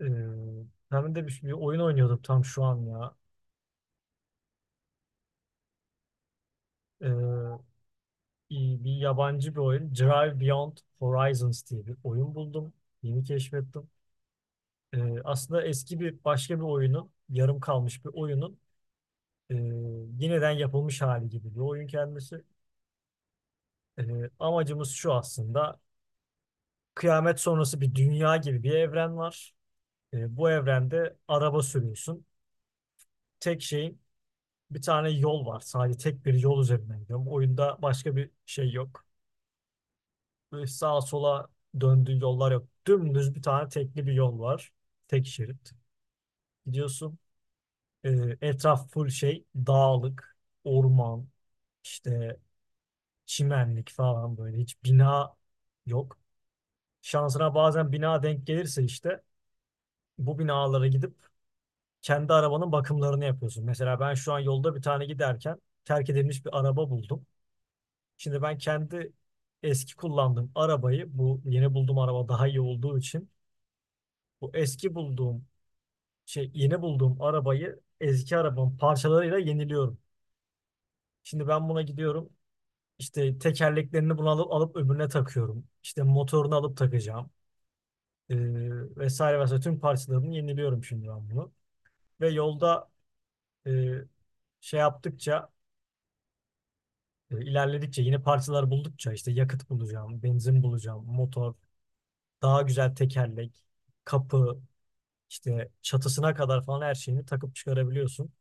Ee, hem de bir oyun oynuyordum tam şu an ya. Ee, Bir yabancı bir oyun. Drive Beyond Horizons diye bir oyun buldum. Yeni keşfettim. Aslında eski bir başka bir oyunun, yarım kalmış bir oyunun e, yeniden yapılmış hali gibi bir oyun kendisi. Amacımız şu aslında. Kıyamet sonrası bir dünya gibi bir evren var. Bu evrende araba sürüyorsun. Tek şeyin bir tane yol var. Sadece tek bir yol üzerinden gidiyorum. Oyunda başka bir şey yok. Böyle sağa sola döndüğü yollar yok. Dümdüz bir tane tekli bir yol var. Tek şerit. Gidiyorsun. e, Etraf full şey dağlık, orman, işte çimenlik falan böyle. Hiç bina yok. Şansına bazen bina denk gelirse işte bu binalara gidip kendi arabanın bakımlarını yapıyorsun. Mesela ben şu an yolda bir tane giderken terk edilmiş bir araba buldum. Şimdi ben kendi eski kullandığım arabayı bu yeni bulduğum araba daha iyi olduğu için bu eski bulduğum şey yeni bulduğum arabayı eski arabamın parçalarıyla yeniliyorum. Şimdi ben buna gidiyorum. İşte tekerleklerini bunu alıp öbürüne takıyorum. İşte motorunu alıp takacağım. Ee, Vesaire vesaire tüm parçalarını yeniliyorum şimdi ben bunu. Ve yolda e, şey yaptıkça ilerledikçe yeni parçalar buldukça işte yakıt bulacağım, benzin bulacağım, motor, daha güzel tekerlek, kapı, işte çatısına kadar falan her şeyini takıp çıkarabiliyorsun.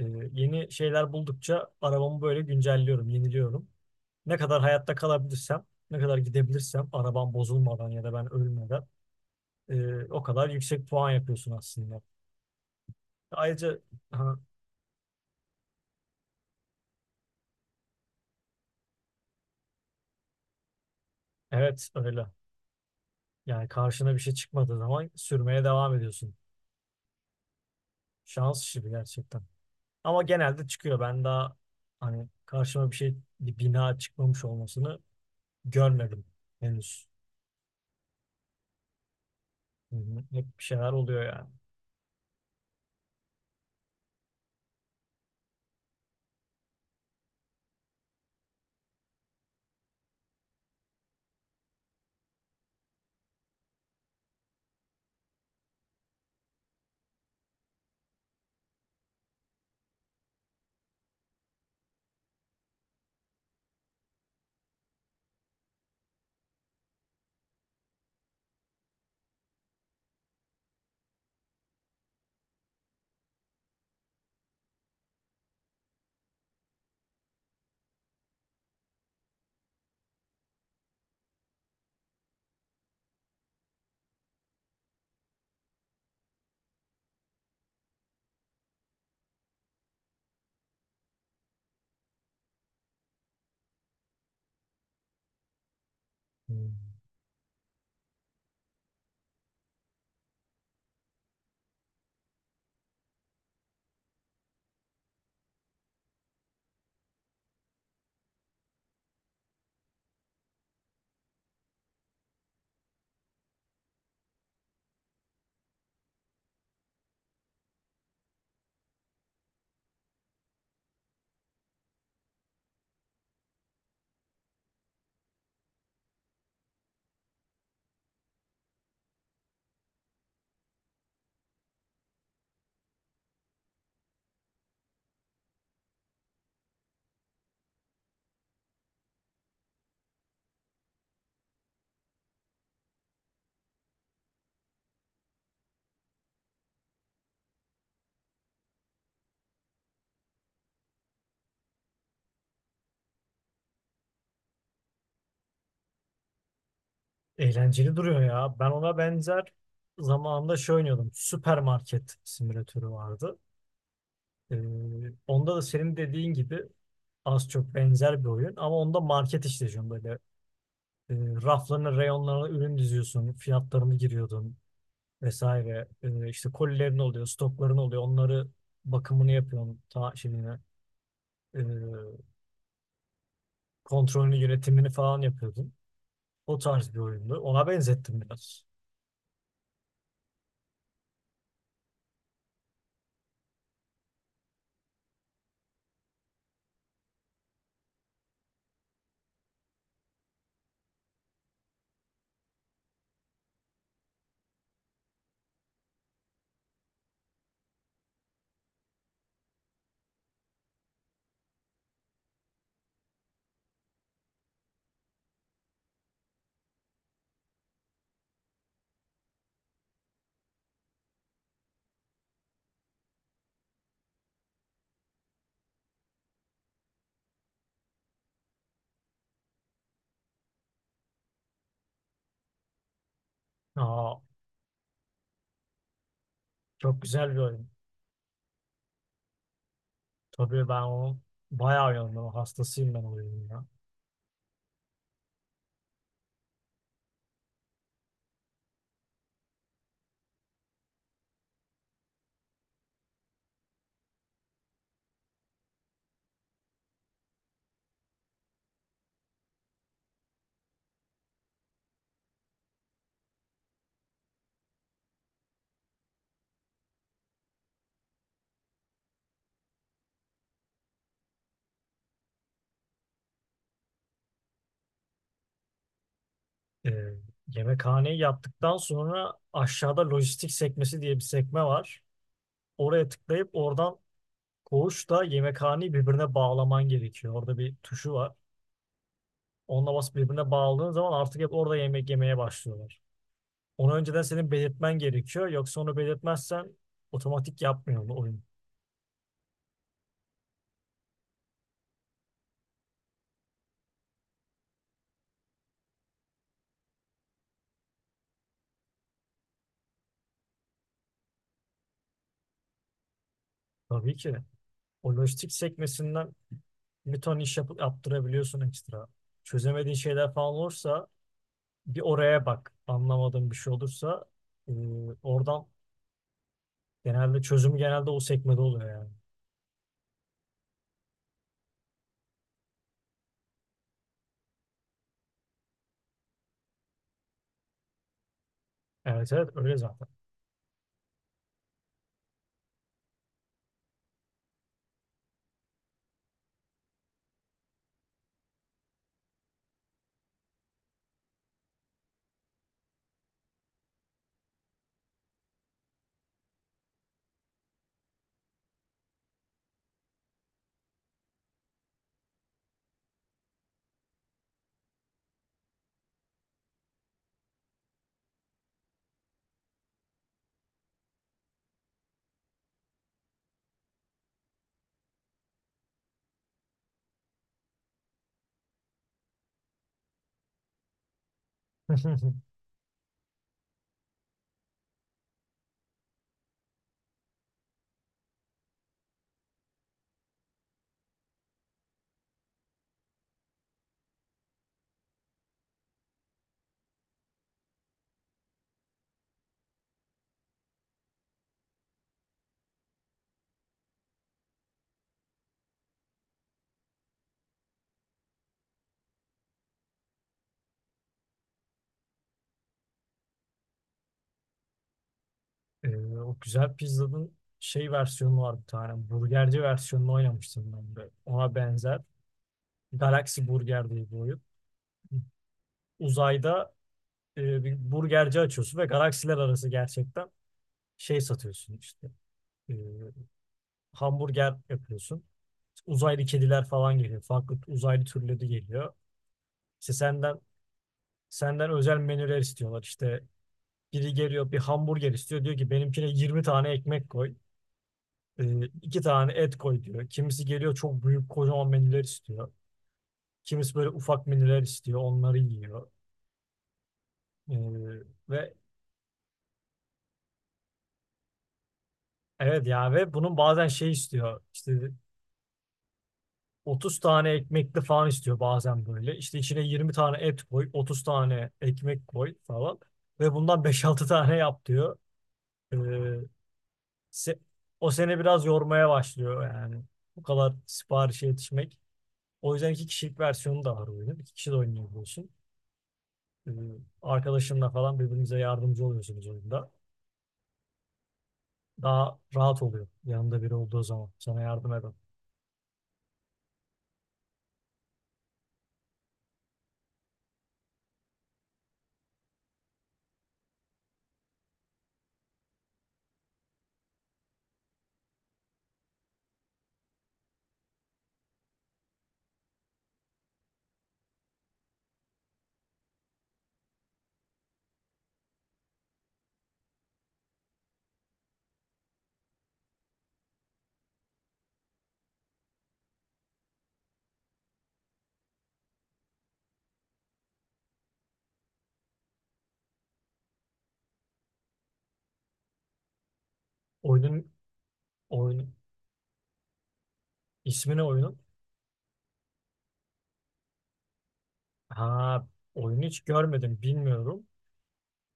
Ee, Yeni şeyler buldukça arabamı böyle güncelliyorum, yeniliyorum. Ne kadar hayatta kalabilirsem, ne kadar gidebilirsem arabam bozulmadan ya da ben ölmeden o kadar yüksek puan yapıyorsun aslında. Ayrıca ha, evet öyle. Yani karşına bir şey çıkmadığı zaman sürmeye devam ediyorsun. Şans işi bu gerçekten. Ama genelde çıkıyor. Ben daha hani karşıma bir şey, bir bina çıkmamış olmasını görmedim henüz. Hı hı. Hep bir şeyler oluyor yani. Hı. Eğlenceli duruyor ya. Ben ona benzer zamanında şey oynuyordum. Süpermarket simülatörü vardı. Ee, Onda da senin dediğin gibi az çok benzer bir oyun. Ama onda market işletiyorsun böyle. E, Raflarına, reyonlarına ürün diziyorsun. Fiyatlarını giriyordun vesaire. E, işte kolilerin oluyor, stokların oluyor. Onları bakımını yapıyorsun. E, kontrolünü, yönetimini falan yapıyordun. O tarz bir oyundu. Ona benzettim biraz. Aa, çok güzel bir oyun. Tabii ben o bayağı yandım. Hastasıyım ben o oyunun ya. Ee, Yemekhaneyi yaptıktan sonra aşağıda lojistik sekmesi diye bir sekme var. Oraya tıklayıp oradan koğuşla yemekhaneyi birbirine bağlaman gerekiyor. Orada bir tuşu var. Onunla basıp birbirine bağladığın zaman artık hep orada yemek yemeye başlıyorlar. Onu önceden senin belirtmen gerekiyor. Yoksa onu belirtmezsen otomatik yapmıyor bu oyun. Tabii ki. O lojistik sekmesinden bir ton iş yapıp yaptırabiliyorsun ekstra. Çözemediğin şeyler falan olursa bir oraya bak. Anlamadığın bir şey olursa e, oradan genelde çözümü o sekmede oluyor yani. Evet evet öyle zaten. E, o güzel pizzanın şey versiyonu var bir tane. Burgerci versiyonunu oynamıştım ben de. Ona benzer. Galaxy Burger diye bir oyun. Uzayda bir burgerci açıyorsun ve galaksiler arası gerçekten şey satıyorsun işte. E, hamburger yapıyorsun. Uzaylı kediler falan geliyor. Farklı uzaylı türleri geliyor. İşte Senden özel menüler istiyorlar. İşte biri geliyor bir hamburger istiyor. Diyor ki benimkine 20 tane ekmek koy. İki tane et koy diyor. Kimisi geliyor çok büyük kocaman menüler istiyor. Kimisi böyle ufak menüler istiyor. Onları yiyor. E, ve evet ya ve bunun bazen şey istiyor. İşte 30 tane ekmekli falan istiyor bazen böyle. İşte içine 20 tane et koy. 30 tane ekmek koy falan. Ve bundan beş altı tane yap diyor. E, se- O seni biraz yormaya başlıyor yani. Bu kadar siparişe yetişmek. O yüzden iki kişilik versiyonu da var oyunun. İki kişi de oynayabiliyorsun. Ee, Arkadaşınla falan birbirinize yardımcı oluyorsunuz oyunda. Daha rahat oluyor yanında biri olduğu zaman. Sana yardım eden. Oyunun, oyun, ismini oyunun. Ha, oyunu hiç görmedim bilmiyorum.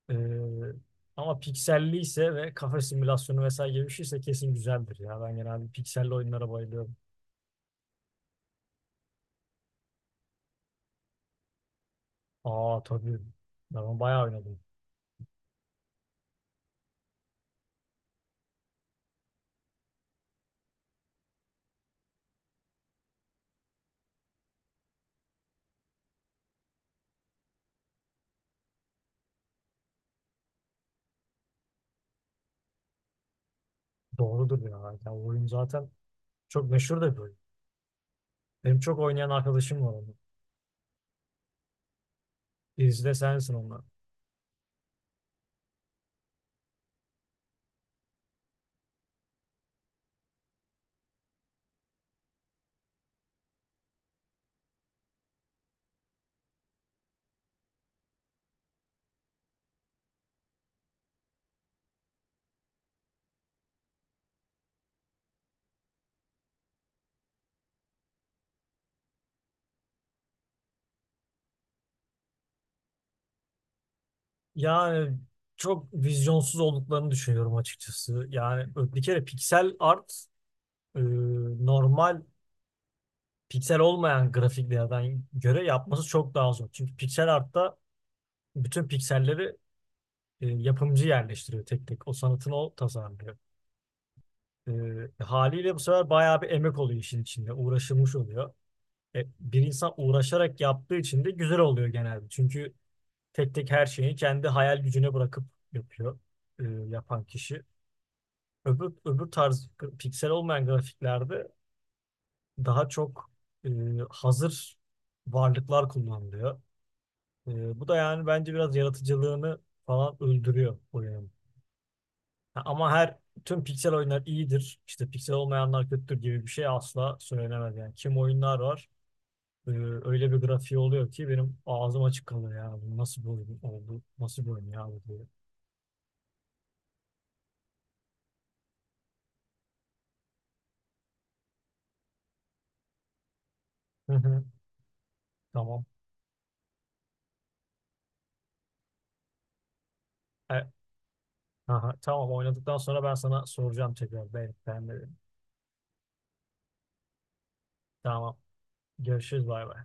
Ee, Ama pikselli ise ve kafe simülasyonu vesaire gibi bir şeyse kesin güzeldir ya. Ben genelde pikselli oyunlara bayılıyorum. Aa tabii. Ben onu bayağı oynadım. Doğrudur ya. Ya o oyun zaten çok meşhur da bir oyun. Benim çok oynayan arkadaşım var onu. Birisi de sensin onlar. Yani çok vizyonsuz olduklarını düşünüyorum açıkçası. Yani bir kere piksel art e, normal piksel olmayan grafiklerden göre yapması çok daha zor. Çünkü piksel artta bütün pikselleri yapımcı yerleştiriyor tek tek. O sanatını o tasarlıyor. E, Haliyle bu sefer bayağı bir emek oluyor işin içinde. Uğraşılmış oluyor. Bir insan uğraşarak yaptığı için de güzel oluyor genelde. Çünkü tek tek her şeyi kendi hayal gücüne bırakıp yapıyor yapan kişi. Öbür tarz piksel olmayan grafiklerde daha çok e, hazır varlıklar kullanılıyor. E, bu da yani bence biraz yaratıcılığını falan öldürüyor oyunun. Ama tüm piksel oyunlar iyidir, işte piksel olmayanlar kötüdür gibi bir şey asla söylenemez yani. Kim oyunlar var öyle bir grafiği oluyor ki benim ağzım açık kalıyor ya. Bu nasıl bir oyun oldu? Nasıl bir oyun ya bu diye. Hı hı. Tamam. E, aha, tamam, oynadıktan sonra ben sana soracağım tekrar. Ben de. Tamam. Görüşürüz, bay bay.